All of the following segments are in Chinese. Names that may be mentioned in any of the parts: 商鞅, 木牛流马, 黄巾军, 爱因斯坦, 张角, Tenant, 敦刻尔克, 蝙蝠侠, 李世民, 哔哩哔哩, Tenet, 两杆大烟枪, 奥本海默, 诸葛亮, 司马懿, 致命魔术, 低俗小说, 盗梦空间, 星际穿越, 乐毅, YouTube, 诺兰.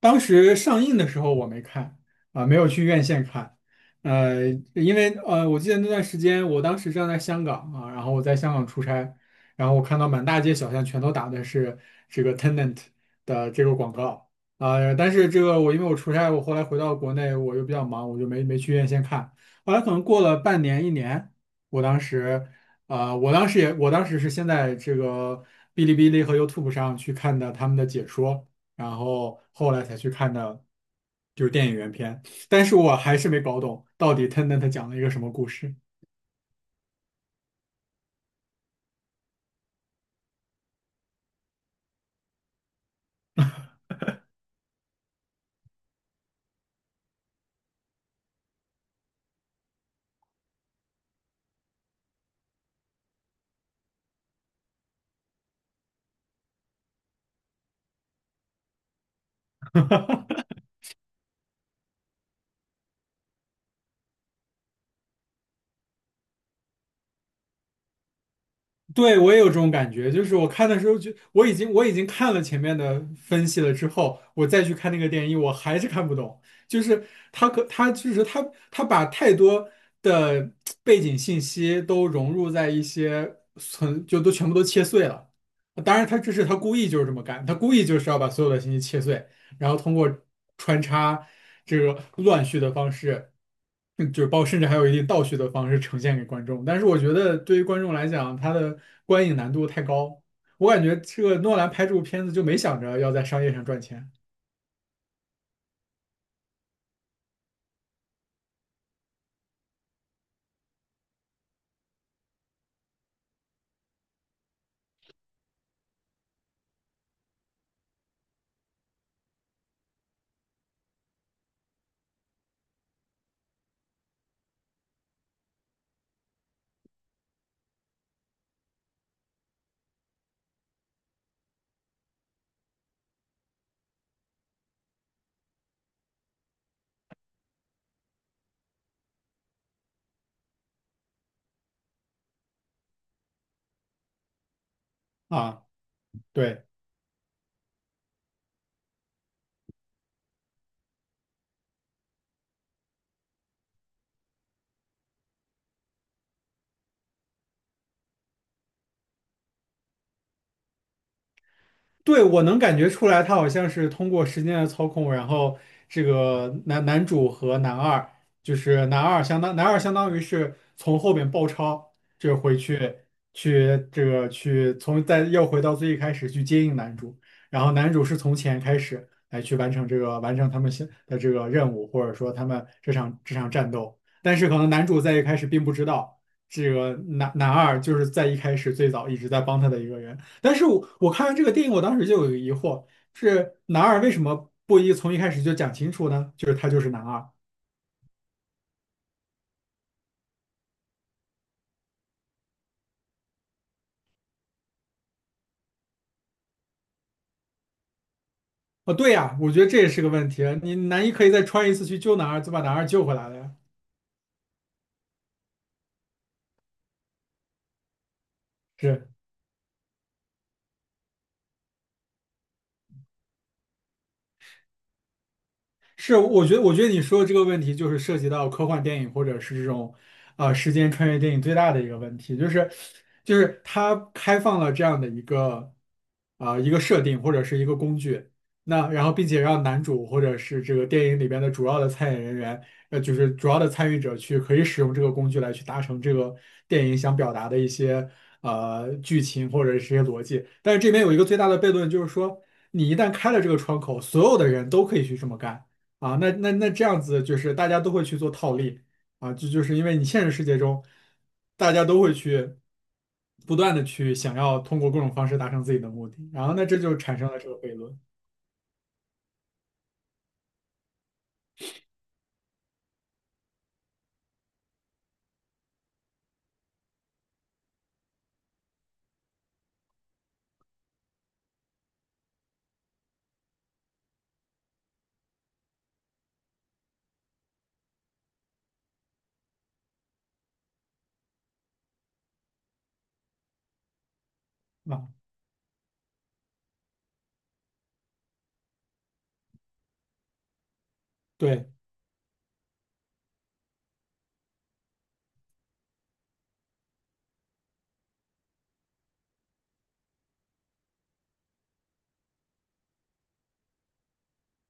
当时上映的时候我没看没有去院线看。呃，因为我记得那段时间，我当时正在香港啊，然后我在香港出差，然后我看到满大街小巷全都打的是这个 Tenant 的这个广告。但是这个我因为我出差，我后来回到国内，我又比较忙，我就没去院线看。后来可能过了半年一年，我当时我当时也我当时是先在这个哔哩哔哩和 YouTube 上去看的他们的解说。然后后来才去看的，就是电影原片。但是我还是没搞懂到底 Tenet 讲了一个什么故事。对，我也有这种感觉，就是我看的时候就我已经看了前面的分析了之后，我再去看那个电影，我还是看不懂。就是他可他就是他他把太多的背景信息都融入在一些存就都全部都切碎了。当然，他这是他故意就是这么干，他故意就是要把所有的信息切碎，然后通过穿插这个乱序的方式，嗯就是包甚至还有一定倒叙的方式呈现给观众。但是我觉得对于观众来讲，他的观影难度太高，我感觉这个诺兰拍这部片子就没想着要在商业上赚钱啊。对。对，我能感觉出来，他好像是通过时间的操控，然后这个男主和男二，就是男二相当于是从后面包抄，就回去去这个去从再又回到最一开始去接应男主，然后男主是从前开始来去完成他们现的这个任务，或者说他们这场战斗，但是可能男主在一开始并不知道。这个男二就是在一开始最早一直在帮他的一个人，但是我看完这个电影，我当时就有一个疑惑，是男二为什么不一从一开始就讲清楚呢？就是他就是男二。哦，对呀，我觉得这也是个问题啊。你男一可以再穿一次去救男二，就把男二救回来了呀。是。是，我觉得，我觉得你说的这个问题就是涉及到科幻电影或者是这种，时间穿越电影最大的一个问题，就是，就是它开放了这样的一个，一个设定或者是一个工具，那然后并且让男主或者是这个电影里边的主要的参演人员，就是主要的参与者去可以使用这个工具来去达成这个电影想表达的一些剧情或者是一些逻辑，但是这边有一个最大的悖论，就是说你一旦开了这个窗口，所有的人都可以去这么干。啊，那这样子就是大家都会去做套利啊，这就是因为你现实世界中，大家都会去不断的去想要通过各种方式达成自己的目的，然后那这就产生了这个悖论啊。对。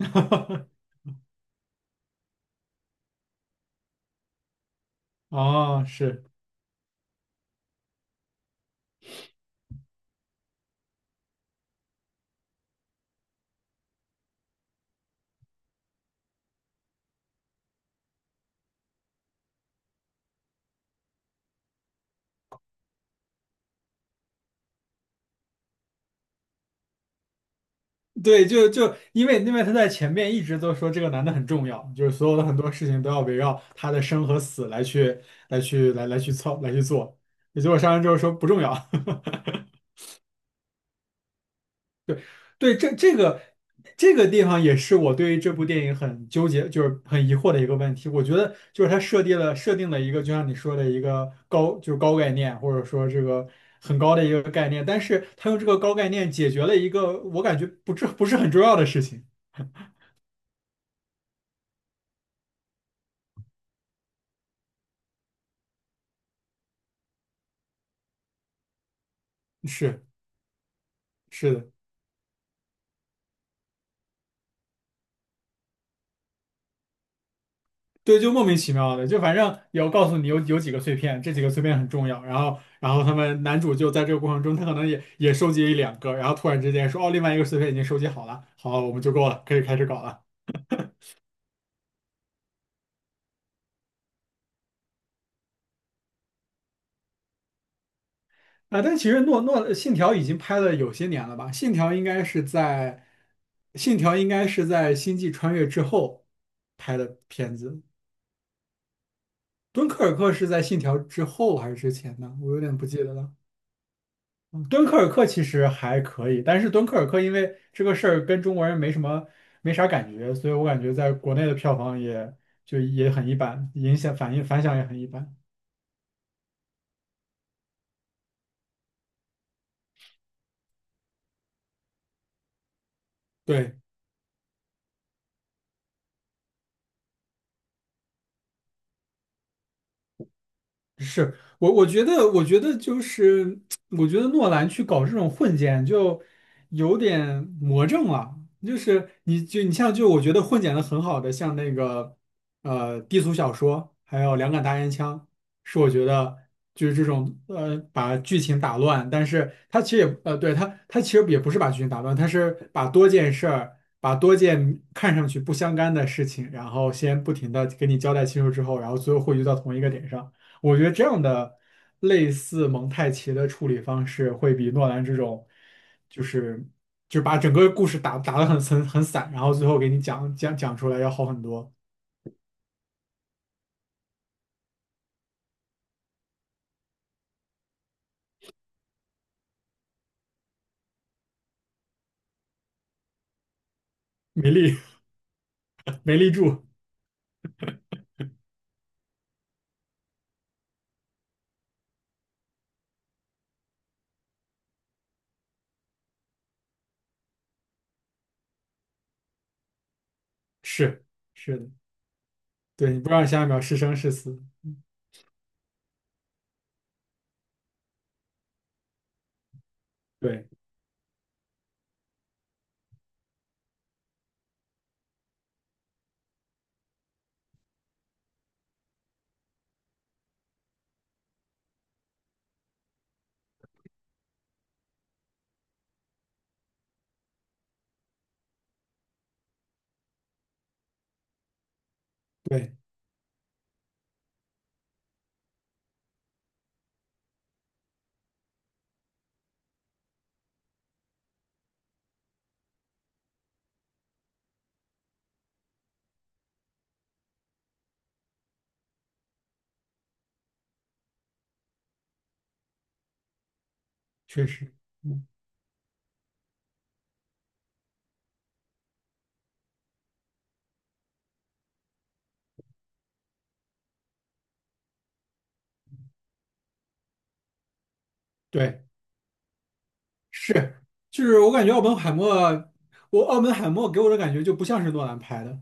哦，是。对，就就因为他在前面一直都说这个男的很重要，就是所有的很多事情都要围绕他的生和死来去做，也结果上来之后说不重要。对，这个这个地方也是我对于这部电影很纠结，就是很疑惑的一个问题。我觉得就是它设定了一个，就像你说的一个高，就是高概念，或者说这个很高的一个概念，但是它用这个高概念解决了一个我感觉不是很重要的事情。是是的。对，就莫名其妙的，就反正有告诉你有几个碎片，这几个碎片很重要。然后，然后他们男主就在这个过程中，他可能也收集一两个，然后突然之间说，哦，另外一个碎片已经收集好了，好，我们就够了，可以开始搞了。啊，但其实诺信条已经拍了有些年了吧？信条应该是在信条应该是在星际穿越之后拍的片子，敦刻尔克是在信条之后还是之前呢？我有点不记得了。敦刻尔克其实还可以，但是敦刻尔克因为这个事儿跟中国人没什么没啥感觉，所以我感觉在国内的票房也就也很一般，影响反应反响也很一般。对。我觉得，我觉得就是，我觉得诺兰去搞这种混剪就有点魔怔了。就是你就你像就我觉得混剪的很好的，像那个低俗小说，还有两杆大烟枪，是我觉得就是这种把剧情打乱，但是它其实也对它其实也不是把剧情打乱，它是把多件事儿。把多件看上去不相干的事情，然后先不停的给你交代清楚之后，然后最后汇聚到同一个点上。我觉得这样的类似蒙太奇的处理方式，会比诺兰这种，就是就把整个故事打得很散，然后最后给你讲出来要好很多。没立。 没立住，是是的，对你不知道下一秒是生是死，对。对，确实。对。是，就是我感觉奥本海默，我奥本海默给我的感觉就不像是诺兰拍的，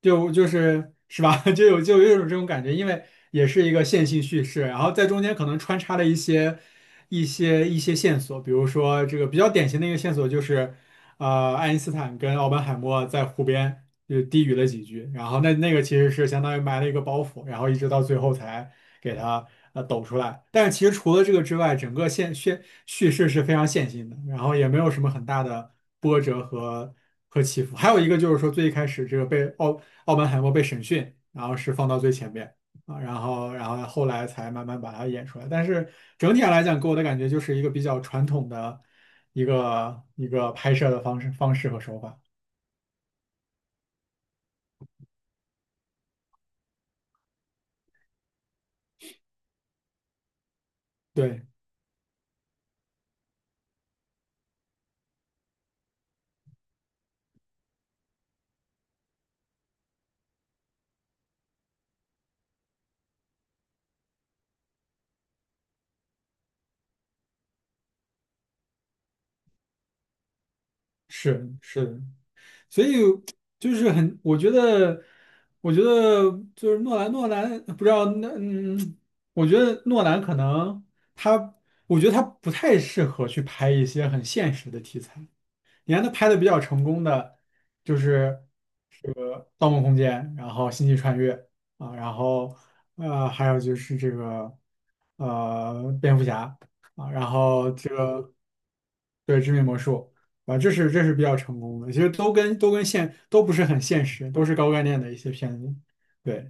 就就是是吧？就有就有一种这种感觉，因为也是一个线性叙事，然后在中间可能穿插了一些一些线索，比如说这个比较典型的一个线索就是。呃，爱因斯坦跟奥本海默在湖边就低语了几句，然后那那个其实是相当于埋了一个包袱，然后一直到最后才给他抖出来。但是其实除了这个之外，整个线叙事是非常线性的，然后也没有什么很大的波折和起伏。还有一个就是说，最一开始这个被奥本海默被审讯，然后是放到最前面。啊，然后，然后后来才慢慢把它演出来。但是整体上来讲，给我的感觉就是一个比较传统的。一个拍摄的方式和手法。对，是是的，所以就是很，我觉得，我觉得就是诺兰，诺兰不知道那我觉得诺兰可能他，我觉得他不太适合去拍一些很现实的题材。你看他拍的比较成功的就是这个《盗梦空间》，然后《星际穿越》啊，然后还有就是这个蝙蝠侠啊，然后这个对致命魔术啊，这是这是比较成功的，其实都跟现都不是很现实，都是高概念的一些片子，对。